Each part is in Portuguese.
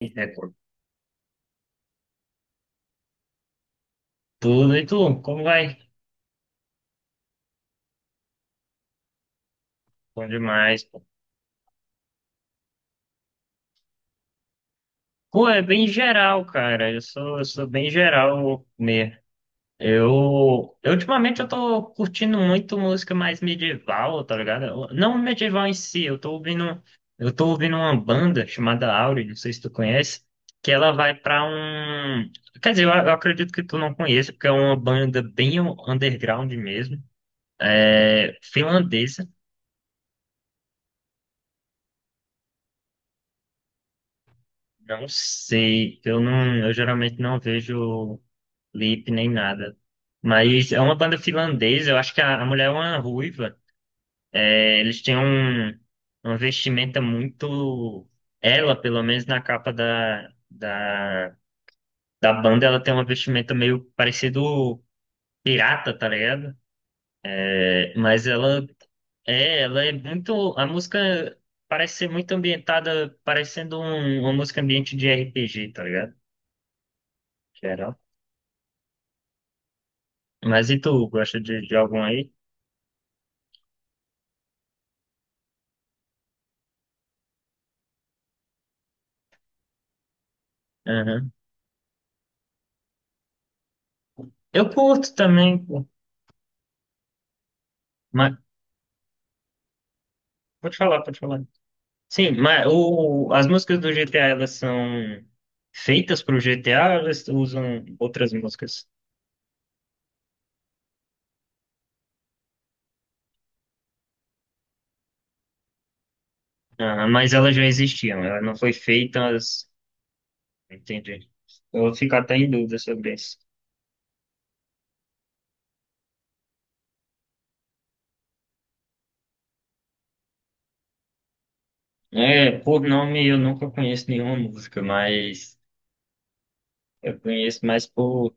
Record. Tudo e tu, como vai? Bom demais, pô. Pô, é bem geral, cara. Eu sou bem geral mesmo. Ultimamente eu tô curtindo muito música mais medieval, tá ligado? Eu- Não medieval em si, eu tô eu tô ouvindo uma banda chamada Auri, não sei se tu conhece, que ela vai pra um, quer dizer, eu acredito que tu não conheça, porque é uma banda bem underground mesmo, é finlandesa. Não sei, eu geralmente não vejo Lip nem nada. Mas é uma banda finlandesa, eu acho que a mulher é uma ruiva. É, eles têm um, uma vestimenta muito. Ela, pelo menos na capa da banda, ela tem uma vestimenta meio parecido pirata, tá ligado? É, mas ela é muito. A música parece ser muito ambientada, parecendo um- uma música ambiente de RPG, tá ligado? Geral. Mas e tu, gosta de algum aí? Aham. Eu curto também, pô. Pode falar, pode falar. Sim, mas o, as músicas do GTA, elas são feitas para o GTA, ou elas usam outras músicas. Ah, mas elas já existiam, elas não foi feitas. Entendi. Eu vou ficar até em dúvida sobre isso. É, por nome eu nunca conheço nenhuma música, mas eu conheço mais por.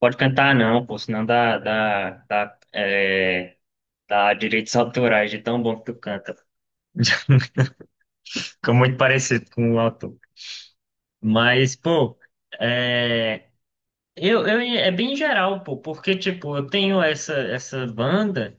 Pode cantar não, pô, senão é, dá direitos autorais de tão bom que tu canta. Fica muito parecido com o autor. Mas, pô. É bem geral, pô, porque, tipo, eu tenho essa banda,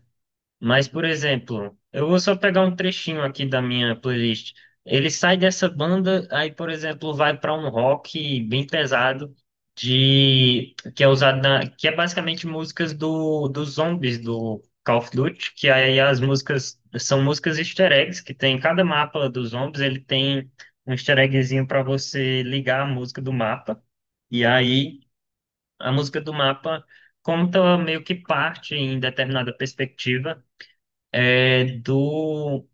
mas, por exemplo, eu vou só pegar um trechinho aqui da minha playlist. Ele sai dessa banda, aí, por exemplo, vai para um rock bem pesado, de, que é usado na, que é basicamente músicas dos zombies do Call of Duty, que aí as músicas são músicas easter eggs, que tem em cada mapa dos zombies, ele tem um easter eggzinho para você ligar a música do mapa. E aí. A música do mapa conta meio que parte, em determinada perspectiva, é, do,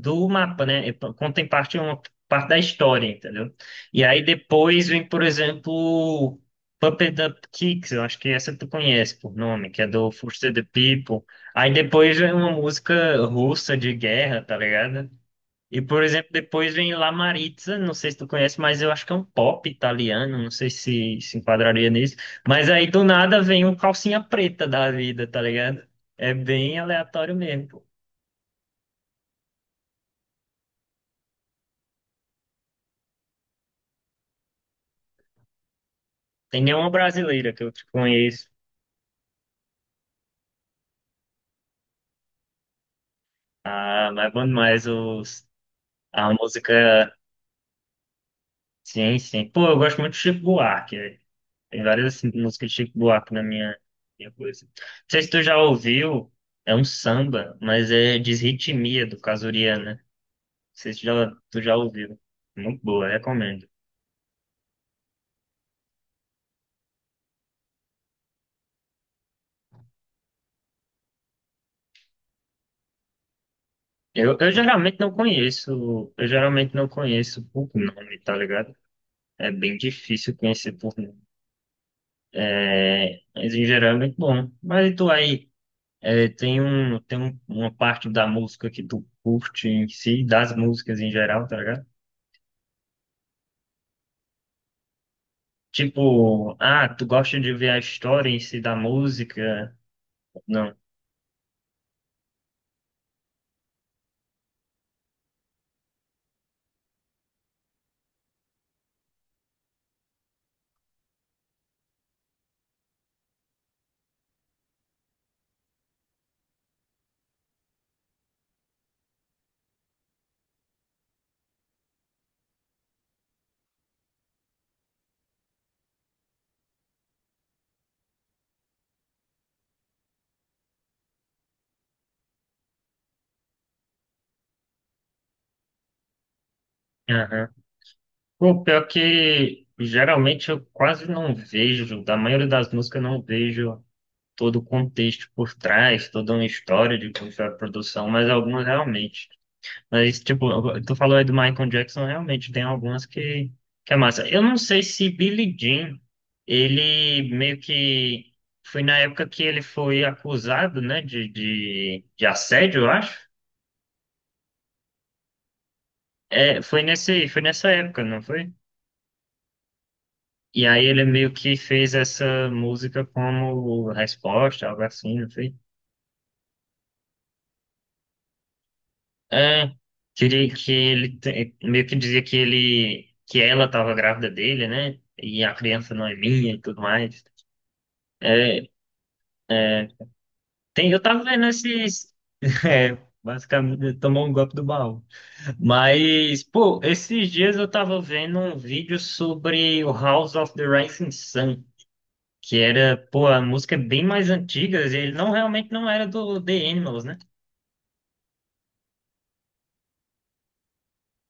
do mapa, né? Conta em parte uma parte da história, entendeu? E aí depois vem, por exemplo, Puppet Up Kicks, eu acho que essa tu conhece por nome, que é do Foster the People. Aí depois vem uma música russa de guerra, tá ligado? E, por exemplo, depois vem La Maritza, não sei se tu conhece, mas eu acho que é um pop italiano, não sei se se enquadraria nisso. Mas aí do nada vem um calcinha preta da vida, tá ligado? É bem aleatório mesmo, pô. Tem nenhuma brasileira que eu conheço. Ah, mas é bom demais os, a música. Sim, sim. Pô, eu gosto muito de Chico Buarque, velho. Tem várias assim, músicas de Chico Buarque na minha coisa. Não sei se tu já ouviu, é um samba, mas é Desritmia, do Casuriana. Sei se já, tu já ouviu. Muito boa, recomendo. Eu geralmente não conheço, eu geralmente não conheço por nome, tá ligado? É bem difícil conhecer por nome. É, mas em geral é muito bom. Mas e tu aí, é, tem um- uma parte da música que tu curte em si, das músicas em geral, tá ligado? Tipo, ah, tu gosta de ver a história em si da música? Não. Aham. Pô, pior que geralmente eu quase não vejo, da maioria das músicas eu não vejo todo o contexto por trás, toda uma história de como foi a produção, mas algumas realmente. Mas, tipo, tu falou aí do Michael Jackson, realmente tem algumas que é massa. Eu não sei se Billie Jean, ele meio que foi na época que ele foi acusado, né, de assédio, eu acho. É, foi nesse, foi nessa época, não foi? E aí ele meio que fez essa música como resposta, algo assim, não foi? É, que ele te- meio que dizia que ele, que ela estava grávida dele, né? E a criança não é minha e tudo mais. É, é, tem, eu tava vendo esses. É, basicamente, ele tomou um golpe do baú. Mas, pô, esses dias eu tava vendo um vídeo sobre o House of the Rising Sun, que era, pô, a música é bem mais antiga, e ele não realmente não era do The Animals, né?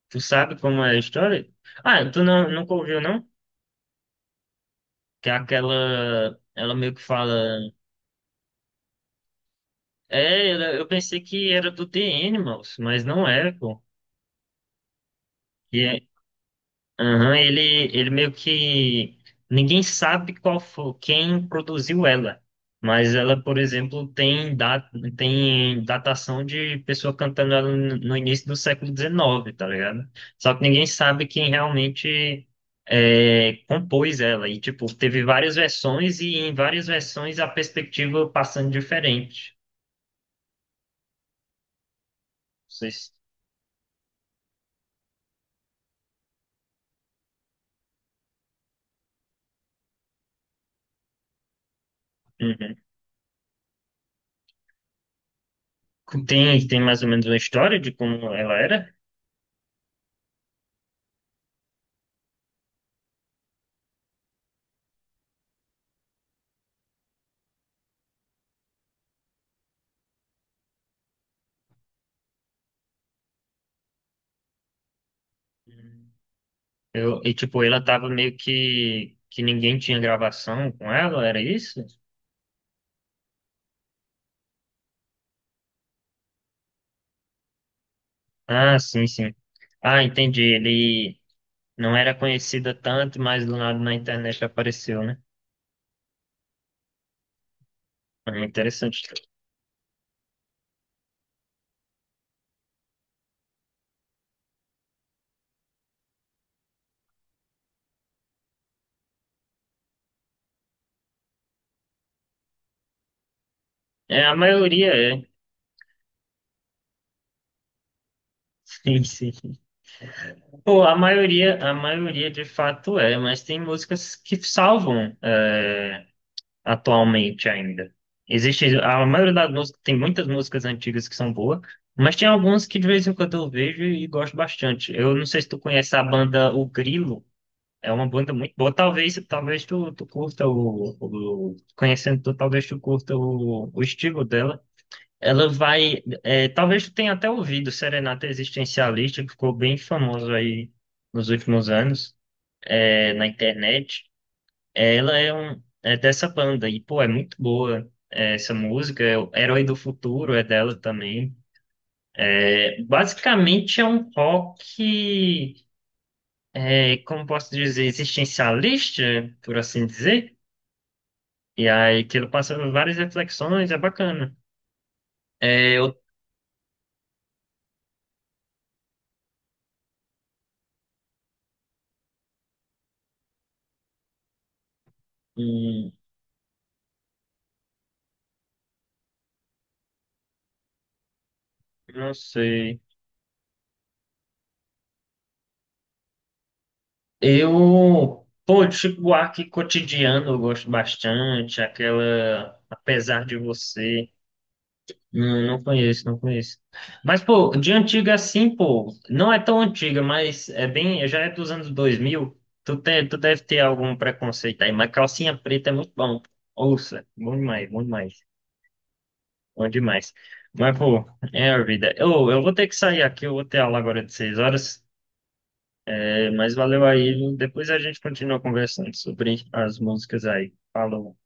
Tu sabe como é a história? Ah, tu não, nunca ouviu, não? Que é aquela. Ela meio que fala. É, ela- eu pensei que era do The Animals, mas não é, pô. E é, aham, ele meio que. Ninguém sabe qual foi, quem produziu ela. Mas ela, por exemplo, tem, da, tem datação de pessoa cantando ela no início do século XIX, tá ligado? Só que ninguém sabe quem realmente é, compôs ela. E, tipo, teve várias versões e em várias versões a perspectiva passando diferente. Vocês... Uhum. Tem, tem mais ou menos uma história de como ela era? Uhum. Eu, e tipo, ela tava meio que... Que ninguém tinha gravação com ela, era isso? Ah, sim, sim. Ah, entendi. Ele não era conhecida tanto, mas do nada na internet apareceu, né? É interessante. É, a maioria é. Sim, sim. Pô, a maioria de fato é, mas tem músicas que salvam atualmente ainda. Existe, a maioria das músicas, tem muitas músicas antigas que são boas, mas tem algumas que de vez em quando eu vejo e gosto bastante. Eu não sei se tu conhece a banda O Grilo, é uma banda muito boa. Talvez, talvez tu curta o- conhecendo tu, talvez tu curta o estilo dela. Ela vai, é, talvez tu tenha até ouvido Serenata Existencialista, que ficou bem famoso aí nos últimos anos, é, na internet. Ela é, um, é dessa banda e, pô, é muito boa é, essa música. É o Herói do Futuro é dela também. É, basicamente é um rock, é, como posso dizer, existencialista, por assim dizer. E aí que ele passa por várias reflexões, é bacana. É, eu hum, não sei. Eu, pô, Chico Buarque cotidiano eu gosto bastante. Aquela Apesar de Você. Não, não conheço, não conheço. Mas, pô, de antiga assim, pô, não é tão antiga, mas é bem, já é dos anos 2000. Tu, tem, tu deve ter algum preconceito aí, mas calcinha preta é muito bom. Ouça, bom demais, bom demais, bom demais. Mas, pô, é a vida. Eu vou ter que sair aqui, eu vou ter aula agora de 6 horas, é, mas valeu aí. Depois a gente continua conversando sobre as músicas aí. Falou.